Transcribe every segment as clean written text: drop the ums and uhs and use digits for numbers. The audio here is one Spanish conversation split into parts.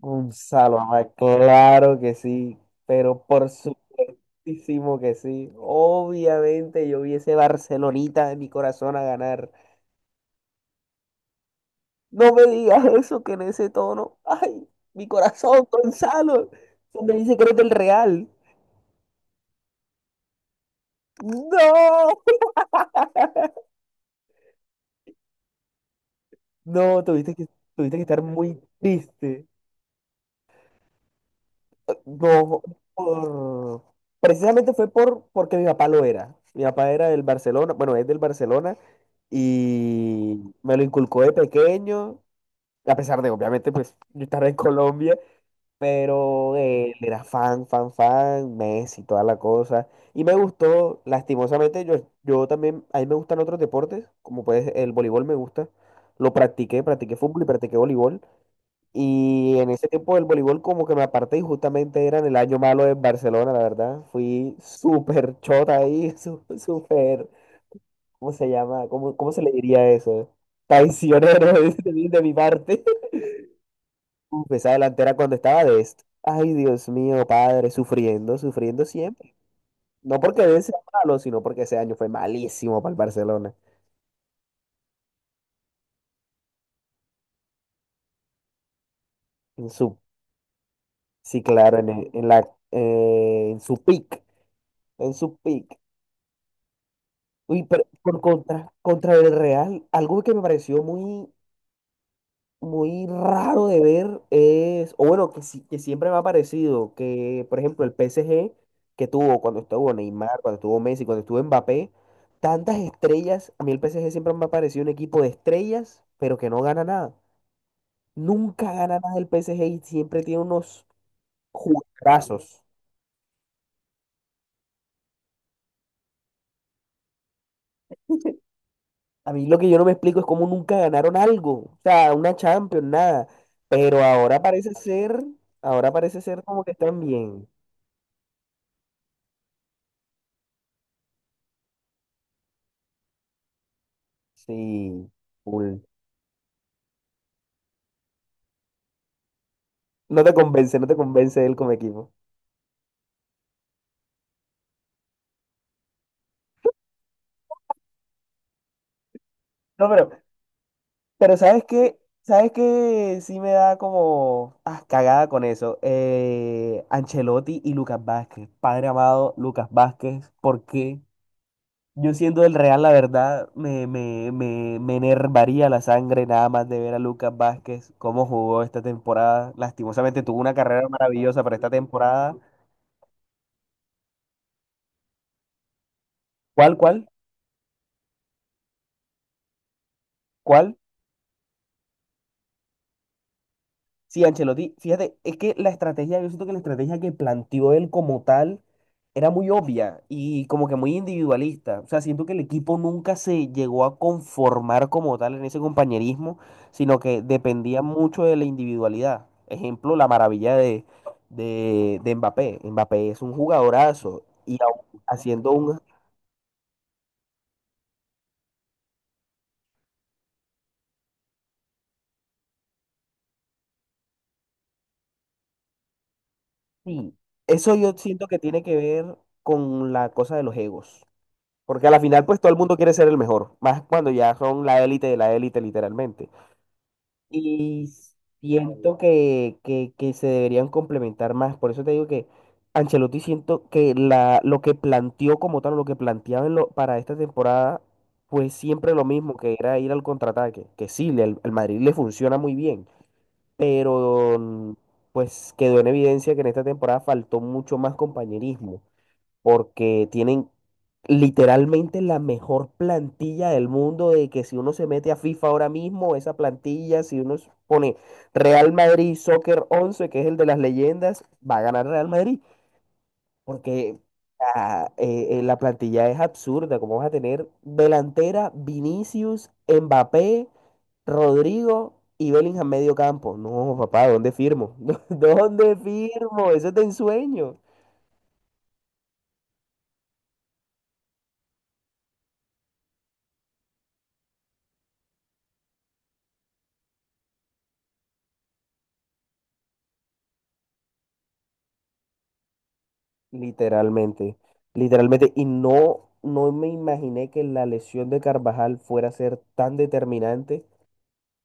Gonzalo, Abad, claro que sí, pero por supuestísimo que sí. Obviamente yo vi ese Barcelonita de mi corazón a ganar. No me digas eso que en ese tono. Ay, mi corazón, Gonzalo. Eso me dice que eres del Real. No. No, tuviste que estar muy triste. No, por... precisamente fue porque mi papá lo era. Mi papá era del Barcelona, bueno, es del Barcelona y me lo inculcó de pequeño, a pesar de, obviamente, pues yo estaba en Colombia, pero él era fan, fan, fan, Messi, toda la cosa. Y me gustó, lastimosamente, yo también, a mí me gustan otros deportes, como puedes, el voleibol me gusta. Lo practiqué, practiqué fútbol y practiqué voleibol. Y en ese tiempo del voleibol como que me aparté y justamente era en el año malo en Barcelona, la verdad. Fui súper chota ahí, súper, ¿cómo se llama? Cómo se le diría eso? Traicionero de mi parte. Uf, esa delantera cuando estaba de esto. Ay, Dios mío, padre, sufriendo, sufriendo siempre. No porque de sea malo, sino porque ese año fue malísimo para el Barcelona. En su, sí, claro, en su pick, en su pick. Uy, pero contra el Real, algo que me pareció muy, muy raro de ver es, o bueno, que, que siempre me ha parecido que, por ejemplo, el P S G que tuvo cuando estuvo Neymar, cuando estuvo Messi, cuando estuvo Mbappé, tantas estrellas, a mí el P S G siempre me ha parecido un equipo de estrellas, pero que no gana nada. Nunca gana nada el P PSG y siempre tiene unos jugadorazos. A mí lo que yo no me explico es cómo nunca ganaron algo, o sea, una Champions, nada. Pero ahora parece ser como que están bien. Sí, full. No te convence, no te convence él como equipo. No, pero ¿sabes qué? ¿Sabes qué? Sí me da como cagada con eso. Ancelotti y Lucas Vázquez. Padre amado, Lucas Vázquez, ¿por qué? Yo siendo del Real, la verdad, me enervaría la sangre nada más de ver a Lucas Vázquez, cómo jugó esta temporada. Lastimosamente tuvo una carrera maravillosa para esta temporada. ¿Cuál, cuál, cuál? Sí, Ancelotti, fíjate, es que la estrategia, yo siento que la estrategia que planteó él como tal era muy obvia y como que muy individualista. O sea, siento que el equipo nunca se llegó a conformar como tal en ese compañerismo, sino que dependía mucho de la individualidad. Ejemplo, la maravilla de Mbappé. Mbappé es un jugadorazo y haciendo un... Sí, eso yo siento que tiene que ver con la cosa de los egos. Porque a la final, pues todo el mundo quiere ser el mejor, más cuando ya son la élite de la élite, literalmente. Y siento que se deberían complementar más. Por eso te digo que Ancelotti siento que lo que planteó como tal, lo que planteaba en para esta temporada, fue siempre lo mismo, que era ir al contraataque. Que sí, el Madrid le funciona muy bien, pero pues quedó en evidencia que en esta temporada faltó mucho más compañerismo porque tienen literalmente la mejor plantilla del mundo de que si uno se mete a FIFA ahora mismo, esa plantilla, si uno pone Real Madrid Soccer 11, que es el de las leyendas, va a ganar Real Madrid, porque la plantilla es absurda, como vas a tener delantera, Vinicius, Mbappé, Rodrigo. Y Bellingham medio campo. No, papá, ¿dónde firmo? ¿Dónde firmo? Eso es de ensueño. Literalmente, literalmente, y no me imaginé que la lesión de Carvajal fuera a ser tan determinante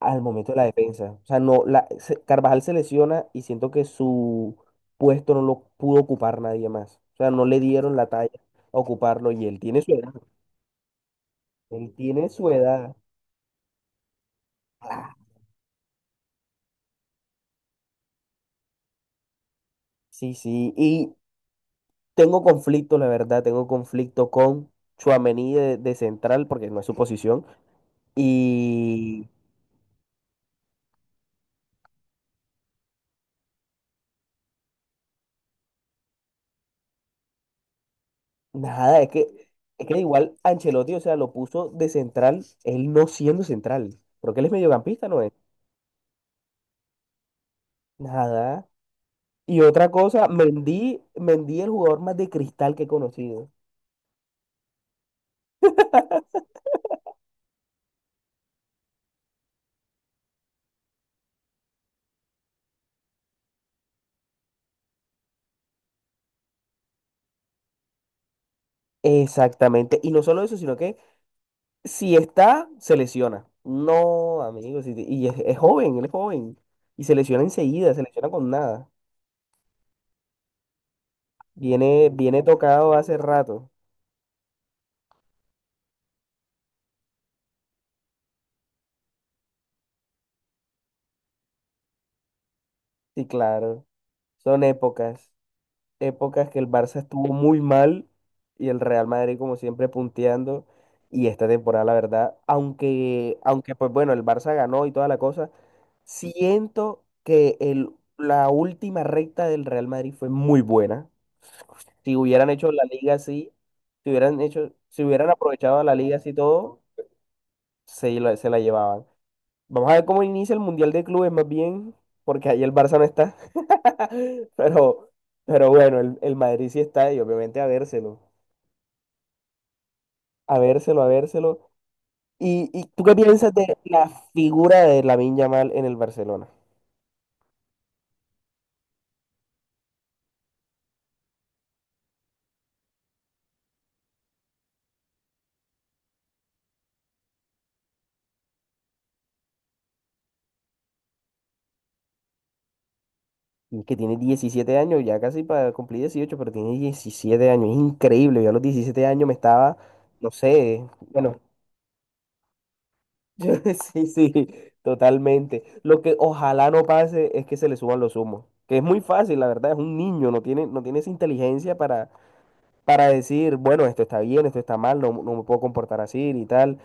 al momento de la defensa. O sea, no, Carvajal se lesiona y siento que su puesto no lo pudo ocupar nadie más. O sea, no le dieron la talla a ocuparlo y él tiene su edad. Él tiene su edad. Ah, sí, sí, y tengo conflicto, la verdad, tengo conflicto con Tchouaméni de central porque no es su posición y nada, es que igual Ancelotti, o sea, lo puso de central, él no siendo central, porque él es mediocampista, ¿no es? Nada. Y otra cosa, Mendy el jugador más de cristal que he conocido. Exactamente. Y no solo eso, sino que si está, se lesiona. No, amigos, y es joven, él es joven. Y se lesiona enseguida, se lesiona con nada. Viene tocado hace rato. Sí, claro. Son épocas, épocas que el Barça estuvo muy mal y el Real Madrid como siempre punteando. Y esta temporada, la verdad, aunque pues bueno, el Barça ganó y toda la cosa, siento que la última recta del Real Madrid fue muy buena. Si hubieran hecho la liga así, si hubieran aprovechado la liga así todo, se la llevaban. Vamos a ver cómo inicia el Mundial de Clubes, más bien, porque ahí el Barça no está. Pero, pero bueno, el Madrid sí está y obviamente a vérselo, a vérselo, a vérselo. ¿Y tú qué piensas de la figura de Lamine Yamal en el Barcelona? Que tiene 17 años, ya casi para cumplir 18, pero tiene 17 años, es increíble. Yo a los 17 años me estaba, no sé, bueno, Yo- sí, sí, totalmente. Lo que ojalá no pase es que se le suban los humos, que es muy fácil, la verdad, es un niño, no tiene esa inteligencia para decir, bueno, esto está bien, esto está mal, no, no me puedo comportar así y tal.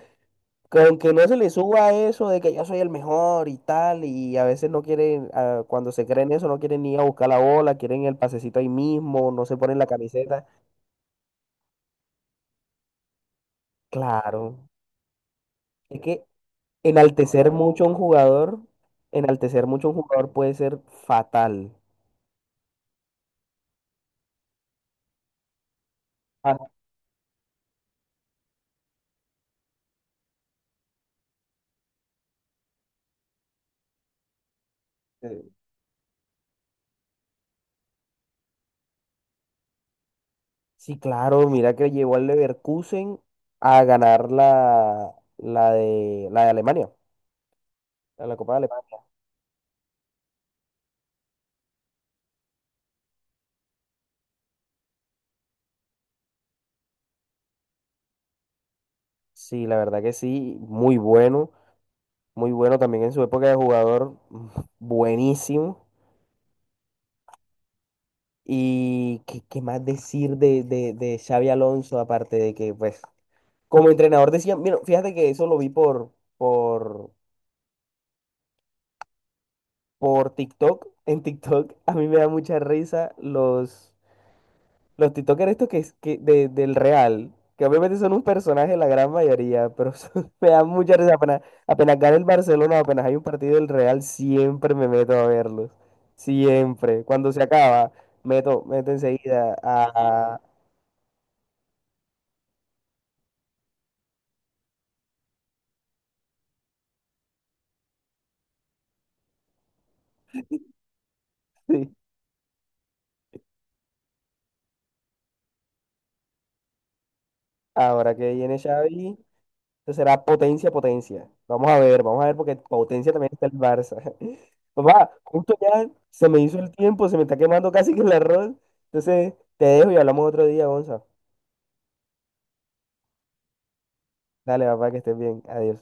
Con que no se le suba eso de que yo soy el mejor y tal, y a veces no quieren, cuando se creen eso, no quieren ni ir a buscar la bola, quieren el pasecito ahí mismo, no se ponen la camiseta. Claro, es que enaltecer mucho a un jugador, enaltecer mucho a un jugador puede ser fatal. Ante- Sí, claro, mira que llevó al Leverkusen a ganar la de Alemania, a la Copa de Alemania. Sí, la verdad que sí, muy bueno, muy bueno también en su época de jugador, buenísimo. Y qué más decir de Xavi Alonso, aparte de que, pues, como entrenador decía, mira, fíjate que eso lo vi por, por TikTok, en TikTok, a mí me da mucha risa los... Los TikTokers estos que, del Real, que obviamente son un personaje la gran mayoría, pero me da mucha risa. Apenas gana el Barcelona, apenas hay un partido del Real, siempre me meto a verlos. Siempre. Cuando se acaba, meto enseguida a... sí. Ahora que viene Xavi, esto será potencia, potencia. Vamos a ver porque potencia también está el Barça. Papá, justo ya se me hizo el tiempo, se me está quemando casi que el arroz. Entonces, te dejo y hablamos otro día, Gonza. Dale, papá, que estés bien. Adiós.